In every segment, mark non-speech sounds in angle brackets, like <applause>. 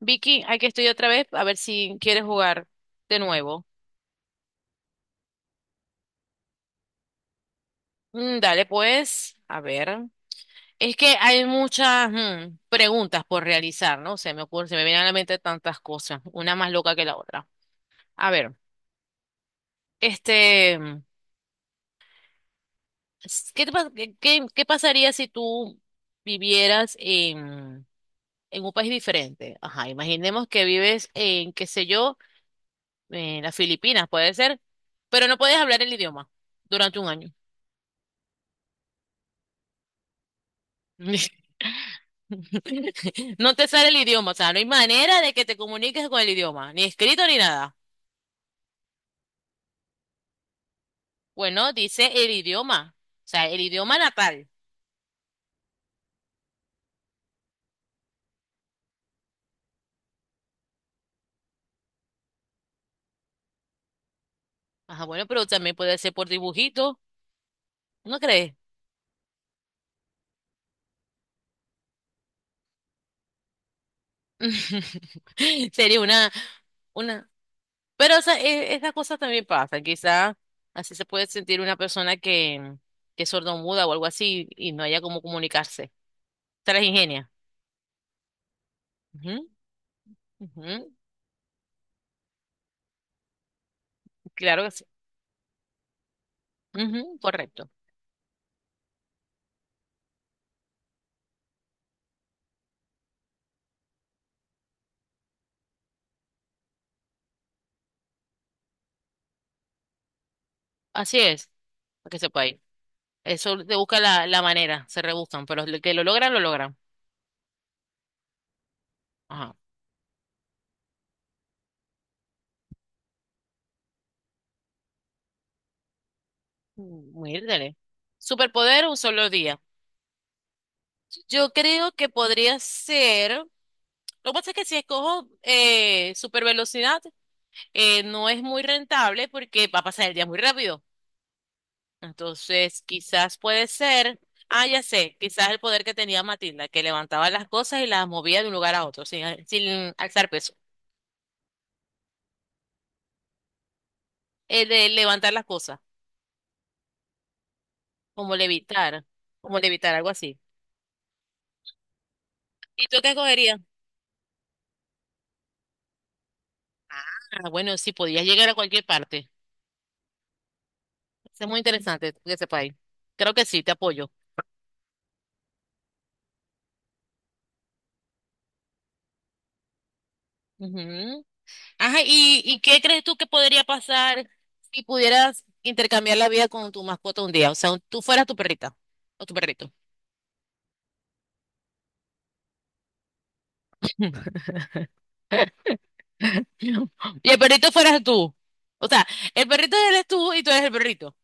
Vicky, hay que estudiar otra vez a ver si quieres jugar de nuevo. Dale, pues, a ver. Es que hay muchas preguntas por realizar, ¿no? Se me ocurre, se me vienen a la mente tantas cosas, una más loca que la otra. A ver, este, mm, ¿qué te qué pasaría si tú vivieras en un país diferente? Ajá, imaginemos que vives en, qué sé yo, en las Filipinas, puede ser, pero no puedes hablar el idioma durante un año. <laughs> <laughs> No te sale el idioma, o sea, no hay manera de que te comuniques con el idioma, ni escrito ni nada. Bueno, dice el idioma, o sea, el idioma natal. Ajá, bueno, pero también puede ser por dibujito, ¿no crees? <laughs> Sería una, pero esa, esas cosas también pasan, quizás así se puede sentir una persona que es sordomuda o algo así y no haya cómo comunicarse. Se las ingenia. Ujú, ujú, claro que sí. Ujú, correcto. Así es, para que sepa. Eso te busca la, la manera, se rebuscan, pero lo que lo logran, lo logran. Ajá. Muérdale. Superpoder un solo día. Yo creo que podría ser. Lo que pasa es que si escojo super velocidad, no es muy rentable porque va a pasar el día muy rápido. Entonces, quizás puede ser. Ah, ya sé, quizás el poder que tenía Matilda, que levantaba las cosas y las movía de un lugar a otro, sin alzar peso. El de levantar las cosas, como levitar, como levitar, algo así. ¿Y tú qué cogerías? Ah, bueno, sí, podías llegar a cualquier parte. Eso es muy interesante que sepáis. Creo que sí, te apoyo. Ujú. Ajá, y qué crees tú que podría pasar si pudieras intercambiar la vida con tu mascota un día? O sea, tú fueras tu perrita o tu perrito. <laughs> Y el perrito fueras tú. O sea, el perrito eres tú y tú eres el perrito.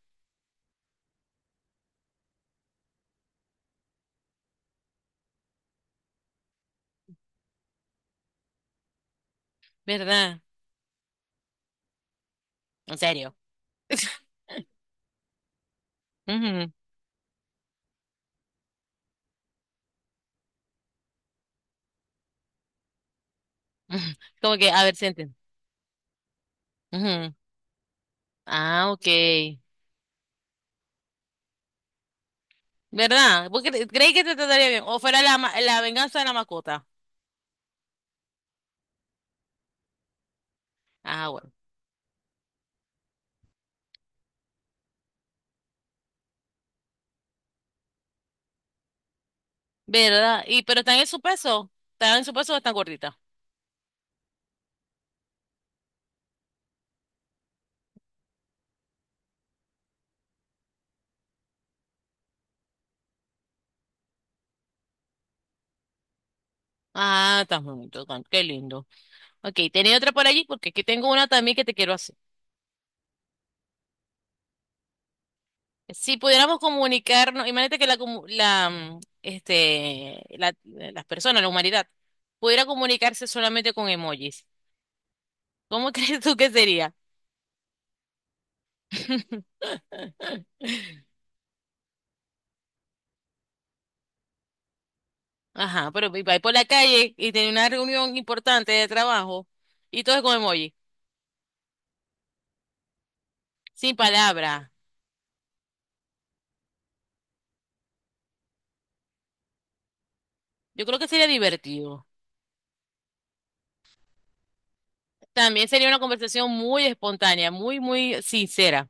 ¿Verdad? En serio. <laughs> Ujú. <laughs> Como que, a ver, sienten. Ujú. Ah, ok. ¿Verdad? Porque creí que te trataría bien. O fuera la venganza de la mascota. Ah, bueno. ¿Verdad? Y pero están en su peso. ¿Están en su peso o están gorditas? Ah, están bonito, están... qué lindo. Ok, tenía otra por allí porque aquí tengo una también que te quiero hacer. Si pudiéramos comunicarnos, imagínate que la, comu- la mm, este la, las personas, la humanidad, pudiera comunicarse solamente con emojis. ¿Cómo <laughs> crees tú que sería? <laughs> Ajá, pero y va por la calle y tiene una reunión importante de trabajo y todo es con emoji, sin palabra. Yo creo que sería divertido. También sería una conversación muy espontánea, muy sincera.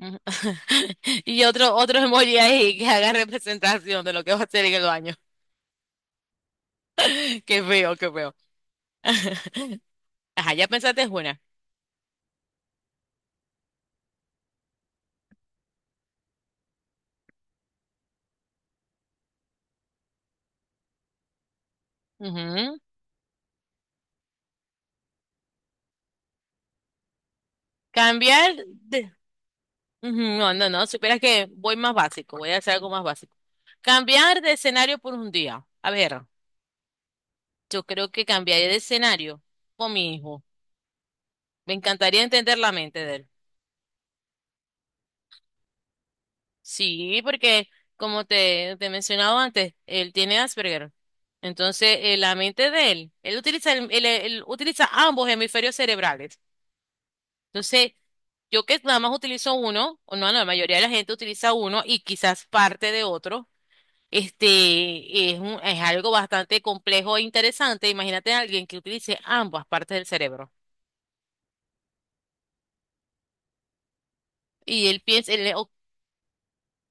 Ujú. <laughs> Y otro, otro emoji ahí que haga representación de lo que va a hacer en el baño. <laughs> Qué feo, qué feo. <laughs> Ajá, ya pensaste es una. Ujú. Cambiar de... Ujú. No, no, no, supieras que voy más básico, voy a hacer algo más básico. Cambiar de escenario por un día. A ver. Yo creo que cambiaría de escenario con mi hijo. Me encantaría entender la mente de él. Sí, porque como te he mencionado antes, él tiene Asperger. Entonces, la mente de él, él utiliza, él utiliza ambos hemisferios cerebrales. Entonces, yo que nada más utilizo uno, o no, no, la mayoría de la gente utiliza uno y quizás parte de otro. Este es es algo bastante complejo e interesante. Imagínate a alguien que utilice ambas partes del cerebro. Y él piensa,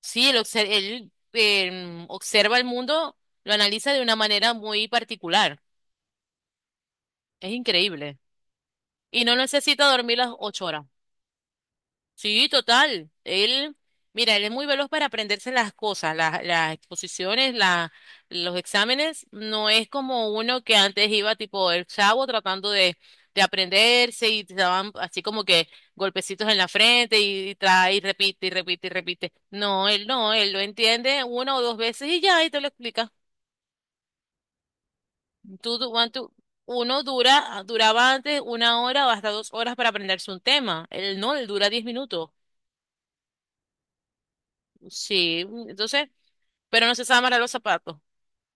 sí, él, observa el mundo, lo analiza de una manera muy particular. Es increíble. Y no necesita dormir las 8 horas. Sí, total. Él, mira, él es muy veloz para aprenderse las cosas, las exposiciones, los exámenes. No es como uno que antes iba tipo el chavo tratando de aprenderse y te daban así como que golpecitos en la frente y trae y repite y repite y repite. No, él no, él lo entiende una o dos veces y ya, y te lo explica. Tú, tú- cuan- tú- Uno dura, duraba antes una hora o hasta dos horas para aprenderse un tema. Él no, él dura 10 minutos. Sí, entonces, pero no se sabe amarrar los zapatos.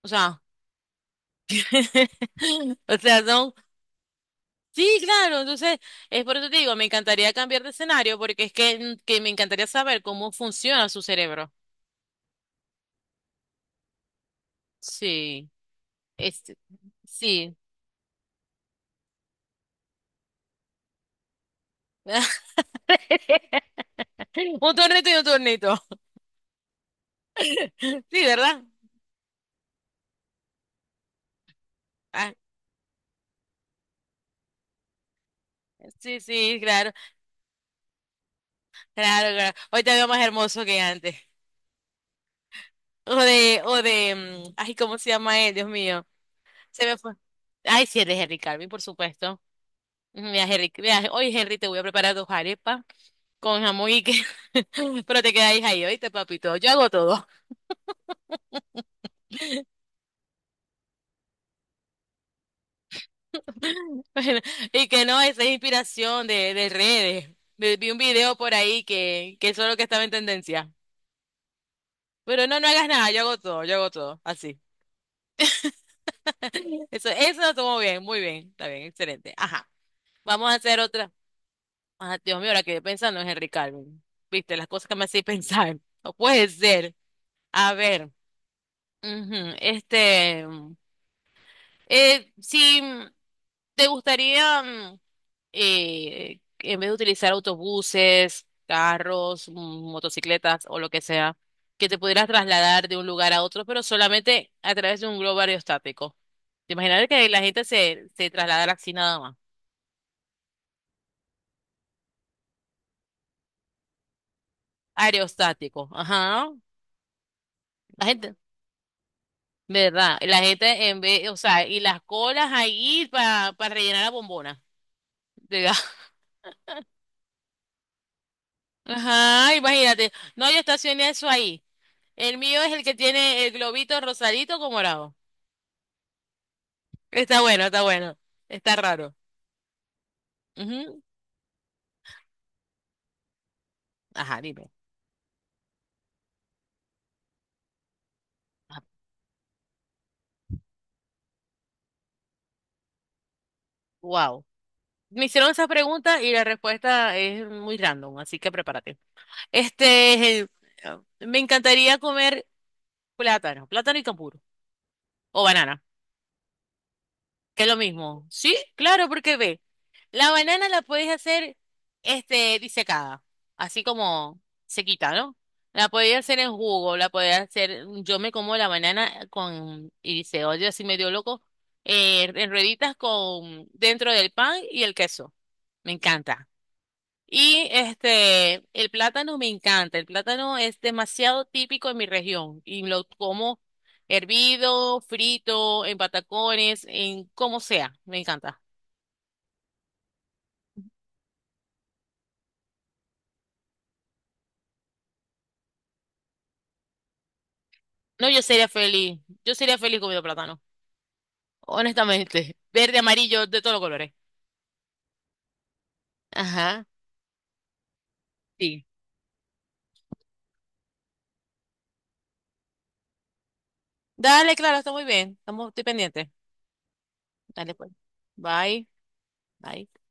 O sea, <laughs> o sea, no. Sí, claro, entonces, es por eso te digo, me encantaría cambiar de escenario porque es que me encantaría saber cómo funciona su cerebro. Sí, este, sí. <laughs> Un tornito y un tornito. <laughs> Sí, ¿verdad? Ah, sí, sí, claro. Claro, claro. Hoy te veo más hermoso que antes. O de, ay, ¿cómo se llama él? Dios mío. Se me fue. Ay, sí, él es Henry Carvin, por supuesto. Mira, Henry, mira, hoy Henry te voy a preparar dos arepas con jamón y que, <laughs> pero te quedáis ahí, ¿oíste, papito? Yo hago todo. <laughs> Y que no, esa es inspiración de redes. Vi un video por ahí que eso es lo que estaba en tendencia. Pero no, no hagas nada, yo hago todo, así. Eso lo tomo bien, muy bien, está bien, excelente. Ajá. Vamos a hacer otra. Ah, Dios mío, ahora que pensando es Henry Calvin. Viste, las cosas que me hacéis <laughs> pensar. No puede ser. A ver, ujú, este, si te gustaría, en vez de utilizar autobuses, carros, motocicletas o lo que sea, que te pudieras trasladar de un lugar a otro, pero solamente a través de un globo aerostático. Te imaginas que la gente se trasladara así nada más. Aerostático, ajá. La gente... ¿Verdad? La gente en vez, o sea, y las colas ahí para rellenar la bombona. Diga. <laughs> Ajá, imagínate. No, yo estacioné eso ahí. El mío es el que tiene el globito rosadito con morado. Está bueno, está bueno. Está raro. Ujú. Ajá, dime. Wow. Me hicieron esa pregunta y la respuesta es muy random, así que prepárate. Este, eh, me encantaría comer plátano, plátano y cambur o banana. Que es lo mismo. Sí, claro, porque ve, la banana la podéis hacer disecada, así como sequita, ¿no? La podéis hacer en jugo, la podéis hacer, yo me como la banana con, y dice, oye, así medio loco, en rueditas con, dentro del pan y el queso. Me encanta. Y el plátano me encanta. El plátano es demasiado típico en mi región y lo como hervido, frito, en patacones, en como sea. Me encanta. No, yo sería feliz. Yo sería feliz comiendo plátano. Honestamente. Verde, amarillo, de todos los colores. Ajá. Sí. Dale, claro, está muy bien. Estamos, estoy pendiente. Dale, pues. Bye. Bye.